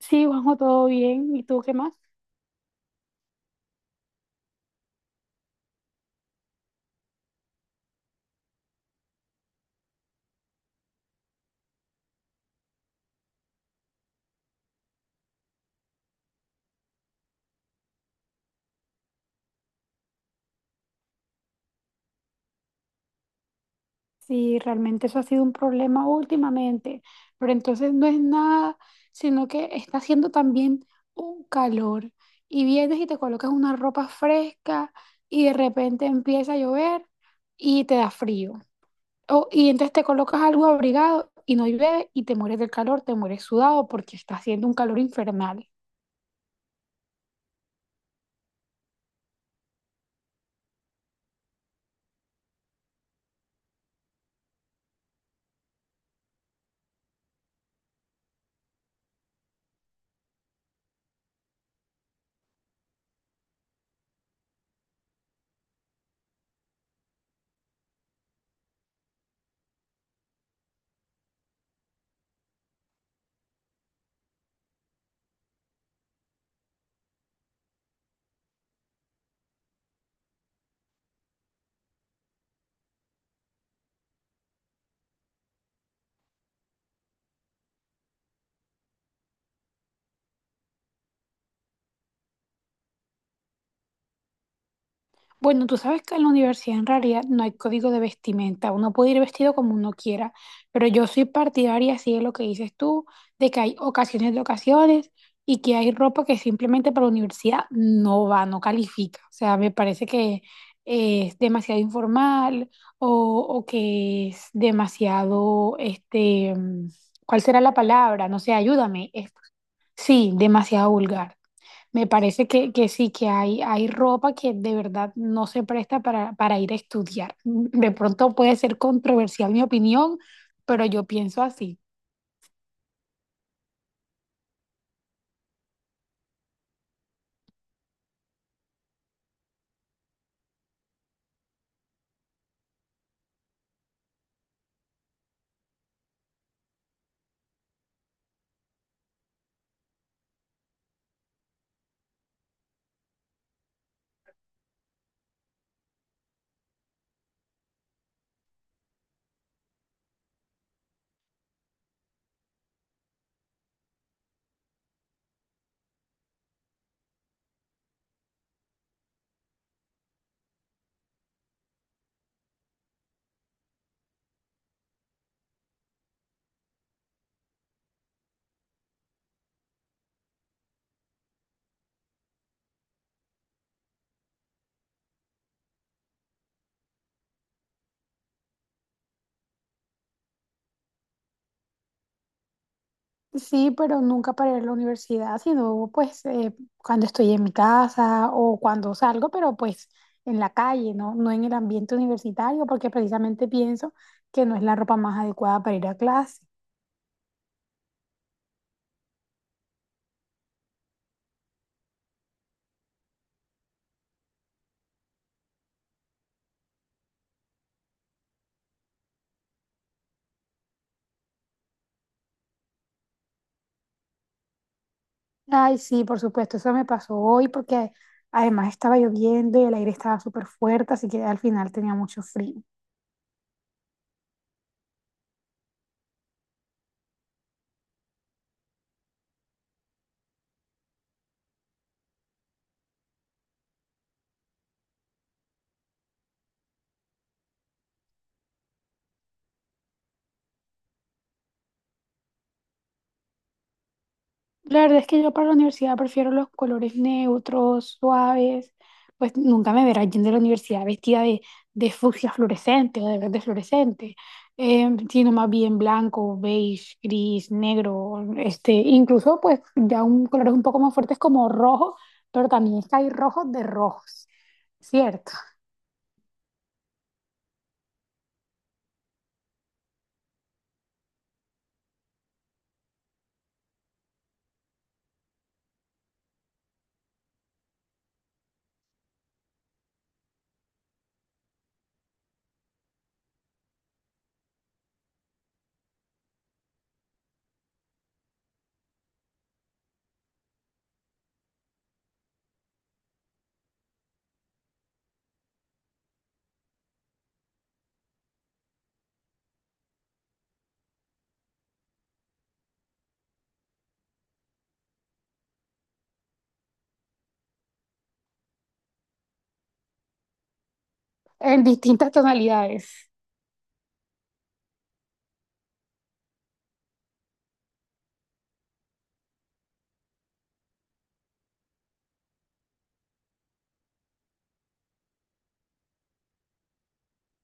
Sí, Juanjo, todo bien. ¿Y tú qué más? Sí, realmente eso ha sido un problema últimamente, pero entonces no es nada, sino que está haciendo también un calor y vienes y te colocas una ropa fresca y de repente empieza a llover y te da frío. O, y entonces te colocas algo abrigado y no llueve y te mueres del calor, te mueres sudado porque está haciendo un calor infernal. Bueno, tú sabes que en la universidad en realidad no hay código de vestimenta, uno puede ir vestido como uno quiera, pero yo soy partidaria, así de lo que dices tú, de que hay ocasiones de ocasiones y que hay ropa que simplemente para la universidad no va, no califica. O sea, me parece que es demasiado informal o, o que es demasiado, este, ¿cuál será la palabra? No sé, ayúdame. Sí, demasiado vulgar. Me parece que sí, que hay ropa que de verdad no se presta para ir a estudiar. De pronto puede ser controversial mi opinión, pero yo pienso así. Sí, pero nunca para ir a la universidad, sino pues cuando estoy en mi casa o cuando salgo, pero pues en la calle, ¿no? No en el ambiente universitario, porque precisamente pienso que no es la ropa más adecuada para ir a clase. Ay, sí, por supuesto, eso me pasó hoy porque además estaba lloviendo y el aire estaba súper fuerte, así que al final tenía mucho frío. La verdad es que yo para la universidad prefiero los colores neutros, suaves, pues nunca me verás yendo a la universidad vestida de fucsia fluorescente o de verde fluorescente, sino más bien blanco, beige, gris, negro, este, incluso pues ya un colores un poco más fuertes como rojo, pero también es que hay rojos de rojos, ¿cierto? En distintas tonalidades.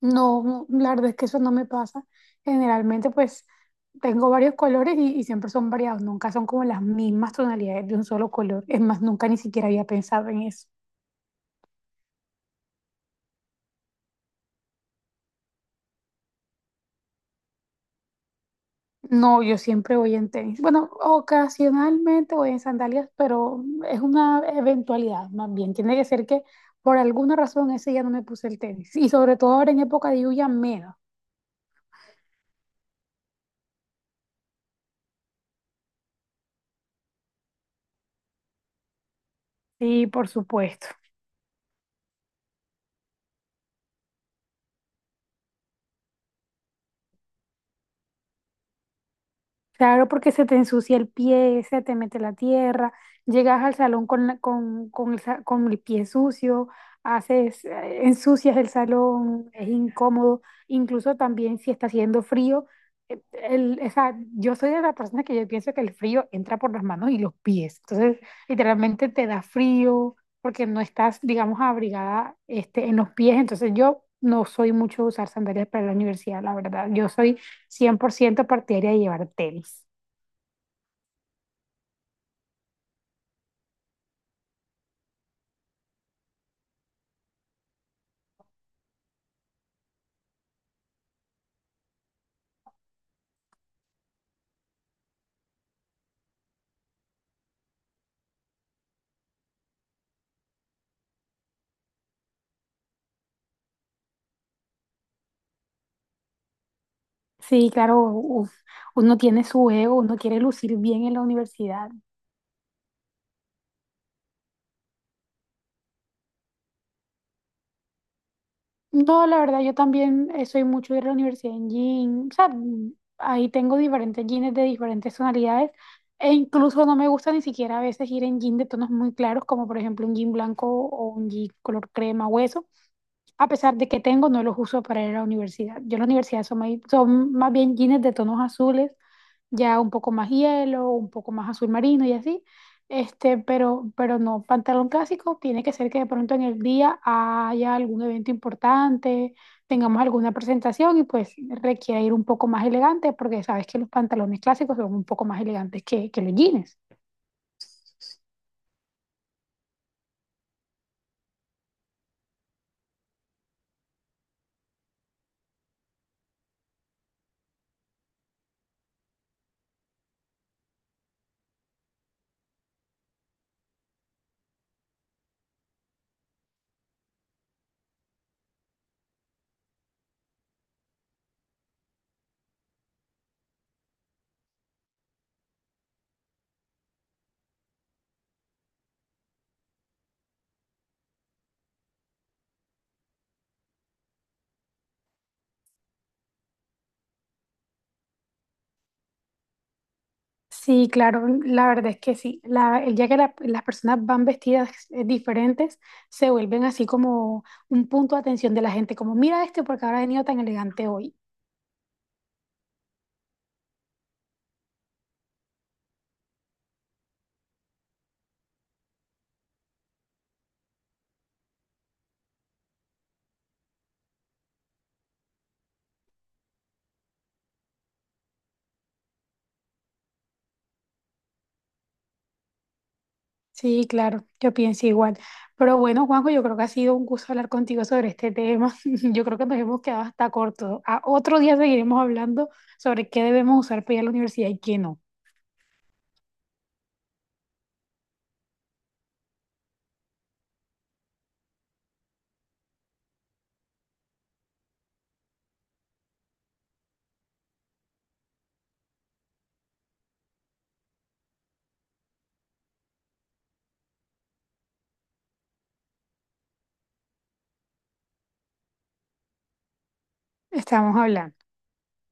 No, la verdad es que eso no me pasa. Generalmente, pues tengo varios colores y siempre son variados, nunca son como las mismas tonalidades de un solo color. Es más, nunca ni siquiera había pensado en eso. No, yo siempre voy en tenis. Bueno, ocasionalmente voy en sandalias, pero es una eventualidad más bien. Tiene que ser que por alguna razón ese día no me puse el tenis. Y sobre todo ahora en época de lluvia, menos. Sí, por supuesto. Claro, porque se te ensucia el pie, se te mete la tierra, llegas al salón con el, con el pie sucio, haces, ensucias el salón, es incómodo, incluso también si está haciendo frío, el, o sea, yo soy de la persona que yo pienso que el frío entra por las manos y los pies, entonces literalmente te da frío porque no estás, digamos, abrigada este, en los pies, entonces yo no soy mucho de usar sandalias para la universidad, la verdad, yo soy 100% partidaria de llevar tenis. Sí, claro, uf, uno tiene su ego, uno quiere lucir bien en la universidad. No, la verdad, yo también soy mucho de ir a la universidad en jean. O sea, ahí tengo diferentes jeans de diferentes tonalidades. E incluso no me gusta ni siquiera a veces ir en jean de tonos muy claros, como por ejemplo un jean blanco o un jean color crema hueso a pesar de que tengo, no los uso para ir a la universidad. Yo en la universidad son, son más bien jeans de tonos azules, ya un poco más hielo, un poco más azul marino y así. Este, pero no, pantalón clásico tiene que ser que de pronto en el día haya algún evento importante, tengamos alguna presentación y pues requiera ir un poco más elegante, porque sabes que los pantalones clásicos son un poco más elegantes que los jeans. Sí, claro, la verdad es que sí. La, el día que las personas van vestidas diferentes, se vuelven así como un punto de atención de la gente, como mira este porque ahora ha venido tan elegante hoy. Sí, claro, yo pienso igual. Pero bueno, Juanjo, yo creo que ha sido un gusto hablar contigo sobre este tema. Yo creo que nos hemos quedado hasta corto. A otro día seguiremos hablando sobre qué debemos usar para ir a la universidad y qué no. Estamos hablando.